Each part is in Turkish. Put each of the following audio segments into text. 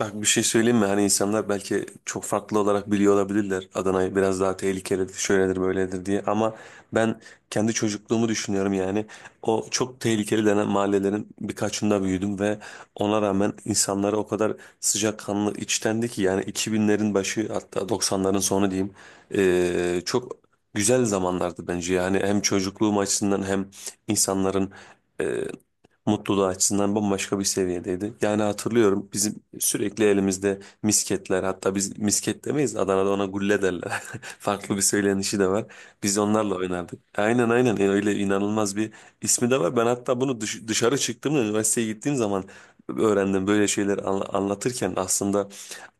Bak bir şey söyleyeyim mi? Hani insanlar belki çok farklı olarak biliyor olabilirler. Adana'yı biraz daha tehlikelidir, şöyledir, böyledir diye. Ama ben kendi çocukluğumu düşünüyorum yani. O çok tehlikeli denen mahallelerin birkaçında büyüdüm ve ona rağmen insanları o kadar sıcakkanlı, içtendi ki yani 2000'lerin başı hatta 90'ların sonu diyeyim. Çok güzel zamanlardı bence yani hem çocukluğum açısından hem insanların mutluluğu açısından bambaşka bir seviyedeydi. Yani hatırlıyorum, bizim sürekli elimizde misketler, hatta biz misket demeyiz, Adana'da ona gulle derler. Farklı bir söylenişi de var. Biz onlarla oynardık. Aynen aynen. Öyle inanılmaz bir ismi de var. Ben hatta bunu dışarı çıktığımda, üniversiteye gittiğim zaman öğrendim, böyle şeyler anlatırken aslında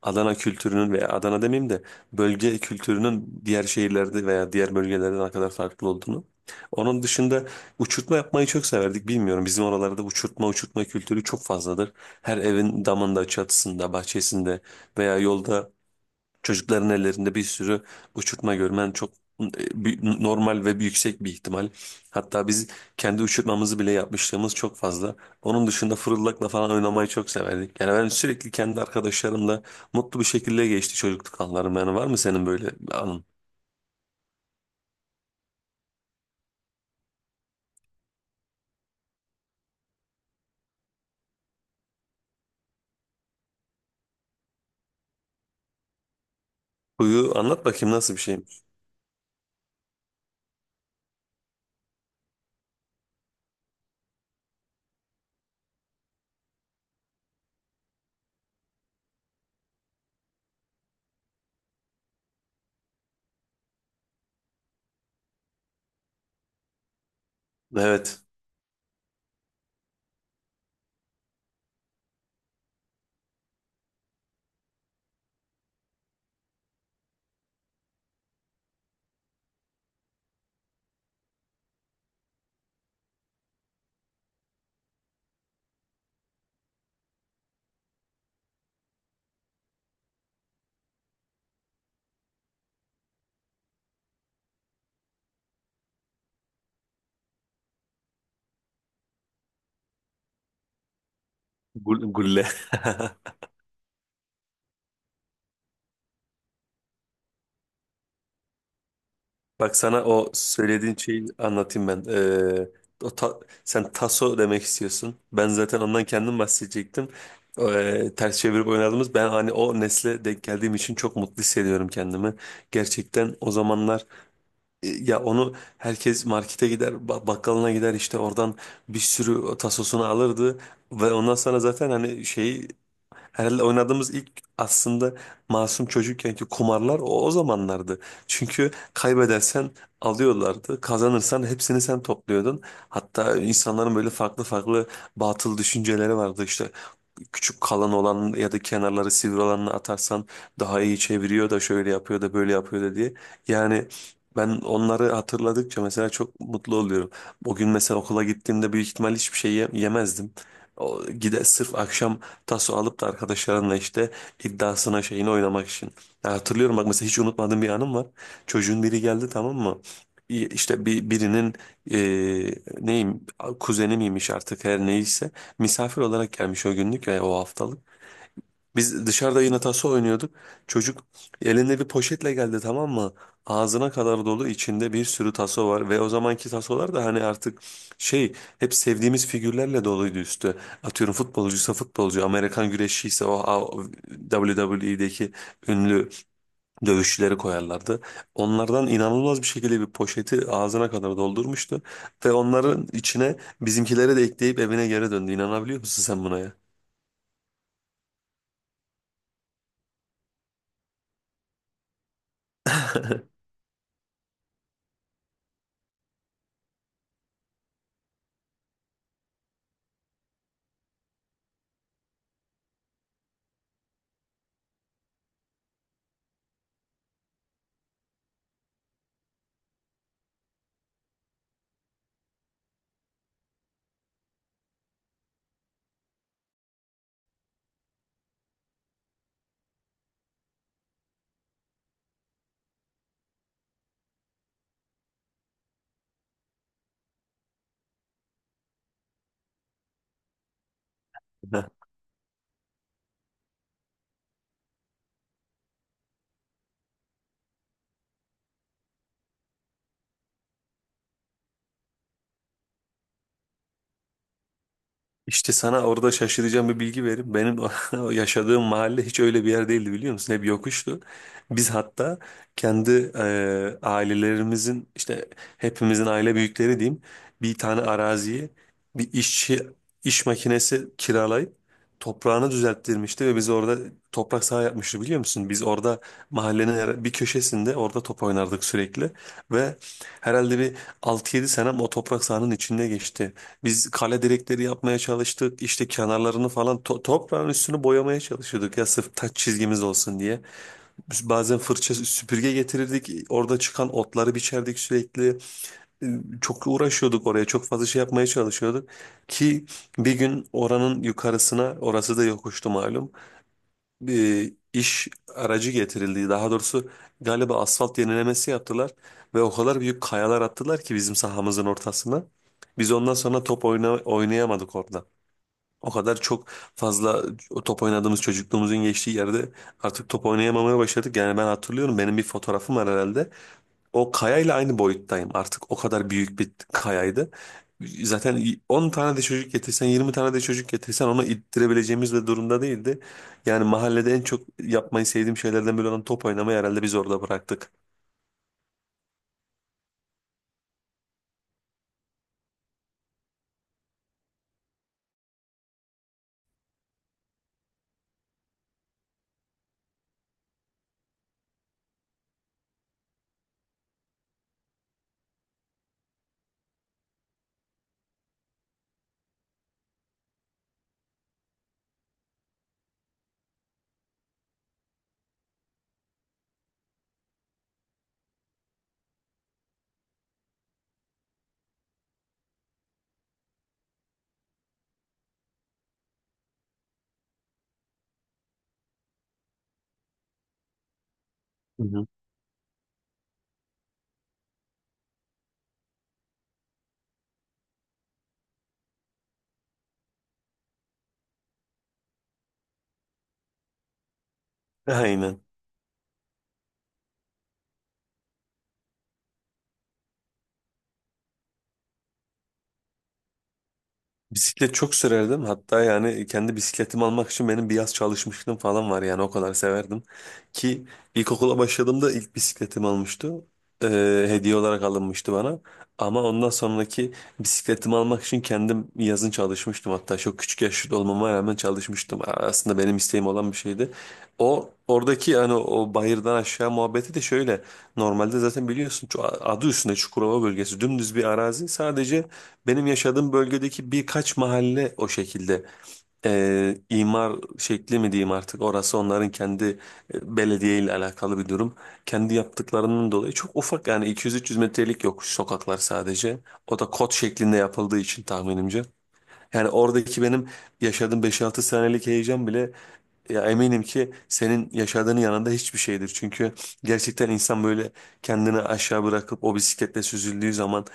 Adana kültürünün veya Adana demeyeyim de bölge kültürünün diğer şehirlerde veya diğer bölgelerde ne kadar farklı olduğunu. Onun dışında uçurtma yapmayı çok severdik. Bilmiyorum, bizim oralarda uçurtma uçurtma kültürü çok fazladır. Her evin damında, çatısında, bahçesinde veya yolda çocukların ellerinde bir sürü uçurtma görmen çok normal ve bir yüksek bir ihtimal. Hatta biz kendi uçurtmamızı bile yapmışlığımız çok fazla. Onun dışında fırıldakla falan oynamayı çok severdik. Yani ben sürekli kendi arkadaşlarımla mutlu bir şekilde geçti çocukluk anılarım. Yani var mı senin böyle bir anın? Huyu anlat bakayım, nasıl bir şey? Evet. Gulle. Bak, sana o söylediğin şeyi anlatayım ben. O ta- Sen taso demek istiyorsun. Ben zaten ondan kendim bahsedecektim. Ters çevirip oynadığımız, ben hani o nesle denk geldiğim için çok mutlu hissediyorum kendimi. Gerçekten o zamanlar, ya onu herkes markete gider, bakkalına gider, işte oradan bir sürü tasosunu alırdı ve ondan sonra zaten hani şeyi, herhalde oynadığımız ilk, aslında masum çocukkenki kumarlar o zamanlardı. Çünkü kaybedersen alıyorlardı, kazanırsan hepsini sen topluyordun. Hatta insanların böyle farklı farklı batıl düşünceleri vardı, işte küçük kalan olan ya da kenarları sivri olanını atarsan daha iyi çeviriyor da, şöyle yapıyor da, böyle yapıyor da diye. Yani ben onları hatırladıkça mesela çok mutlu oluyorum. O gün mesela okula gittiğimde büyük ihtimal hiçbir şey yemezdim. O, gide sırf akşam taso alıp da arkadaşlarınla işte iddiasına şeyini oynamak için. Ya hatırlıyorum, bak mesela hiç unutmadığım bir anım var. Çocuğun biri geldi, tamam mı? İşte birinin, e, neyim, kuzeni miymiş artık, her neyse, misafir olarak gelmiş o günlük ve o haftalık. Biz dışarıda yine taso oynuyorduk. Çocuk elinde bir poşetle geldi, tamam mı? Ağzına kadar dolu, içinde bir sürü taso var ve o zamanki tasolar da hani artık şey, hep sevdiğimiz figürlerle doluydu üstü. Atıyorum futbolcuysa futbolcu, Amerikan güreşçiyse WWE'deki ünlü dövüşçüleri koyarlardı. Onlardan inanılmaz bir şekilde bir poşeti ağzına kadar doldurmuştu ve onların içine bizimkileri de ekleyip evine geri döndü. İnanabiliyor musun sen buna ya? Heh. İşte sana orada şaşıracağım bir bilgi vereyim. Benim o yaşadığım mahalle hiç öyle bir yer değildi, biliyor musun? Hep yokuştu. Biz hatta kendi, ailelerimizin, işte hepimizin aile büyükleri diyeyim, bir tane araziye bir işçi iş makinesi kiralayıp toprağını düzelttirmişti ve biz orada toprak saha yapmıştı, biliyor musun? Biz orada mahallenin bir köşesinde, orada top oynardık sürekli ve herhalde bir 6-7 senem o toprak sahanın içinde geçti. Biz kale direkleri yapmaya çalıştık. İşte kenarlarını falan, toprağın üstünü boyamaya çalışıyorduk ya, sırf taç çizgimiz olsun diye. Biz bazen fırça süpürge getirirdik. Orada çıkan otları biçerdik sürekli. Ee, Çok uğraşıyorduk oraya. Çok fazla şey yapmaya çalışıyorduk. Ki bir gün oranın yukarısına, orası da yokuştu malum, bir iş aracı getirildi. Daha doğrusu galiba asfalt yenilemesi yaptılar ve o kadar büyük kayalar attılar ki bizim sahamızın ortasına. Biz ondan sonra top oynayamadık orada. O kadar çok fazla, o top oynadığımız çocukluğumuzun geçtiği yerde artık top oynayamamaya başladık. Yani ben hatırlıyorum, benim bir fotoğrafım var herhalde. O kayayla aynı boyuttayım artık. O kadar büyük bir kayaydı. Zaten 10 tane de çocuk getirsen, 20 tane de çocuk getirsen onu ittirebileceğimiz de durumda değildi. Yani mahallede en çok yapmayı sevdiğim şeylerden biri olan top oynamayı herhalde biz orada bıraktık. Hı hı. Aynen. Bisiklet çok sürerdim. Hatta yani kendi bisikletimi almak için benim bir yaz çalışmışlığım falan var, yani o kadar severdim. Ki ilkokula başladığımda ilk bisikletimi almıştı. Hediye olarak alınmıştı bana. Ama ondan sonraki bisikletimi almak için kendim yazın çalışmıştım. Hatta çok küçük yaşta olmama rağmen çalışmıştım. Aslında benim isteğim olan bir şeydi. O oradaki yani o bayırdan aşağı muhabbeti de şöyle. Normalde zaten biliyorsun, adı üstünde Çukurova bölgesi dümdüz bir arazi. Sadece benim yaşadığım bölgedeki birkaç mahalle o şekilde, imar şekli mi diyeyim artık orası, onların kendi, belediye ile alakalı bir durum. Kendi yaptıklarının dolayı çok ufak, yani 200-300 metrelik yokuş sokaklar sadece. O da kot şeklinde yapıldığı için tahminimce. Yani oradaki benim yaşadığım 5-6 senelik heyecan bile, ya eminim ki senin yaşadığının yanında hiçbir şeydir. Çünkü gerçekten insan böyle kendini aşağı bırakıp o bisikletle süzüldüğü zaman,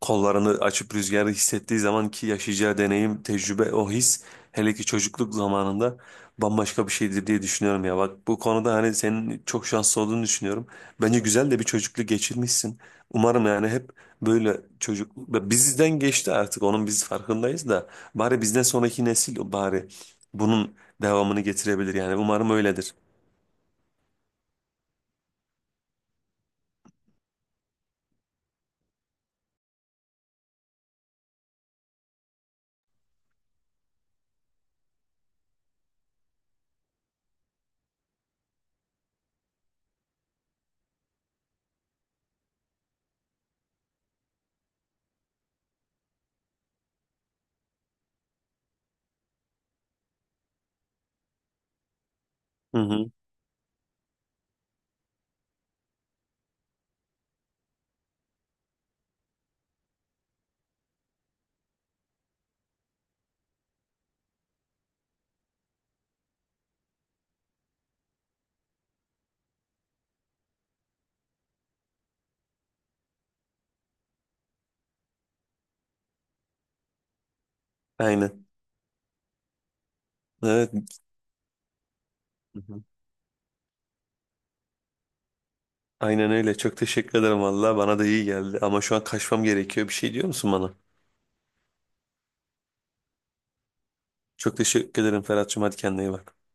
kollarını açıp rüzgarı hissettiği zaman ki yaşayacağı deneyim, tecrübe, o his, hele ki çocukluk zamanında bambaşka bir şeydir diye düşünüyorum ya. Bak, bu konuda hani senin çok şanslı olduğunu düşünüyorum. Bence güzel de bir çocukluk geçirmişsin. Umarım yani, hep böyle, çocuk bizden geçti artık, onun biz farkındayız da bari bizden sonraki nesil bari bunun devamını getirebilir, yani umarım öyledir. Hı hı. Aynen. Evet. Aynen öyle. Çok teşekkür ederim valla. Bana da iyi geldi. Ama şu an kaçmam gerekiyor. Bir şey diyor musun bana? Çok teşekkür ederim Ferhat'cığım. Hadi kendine iyi bak.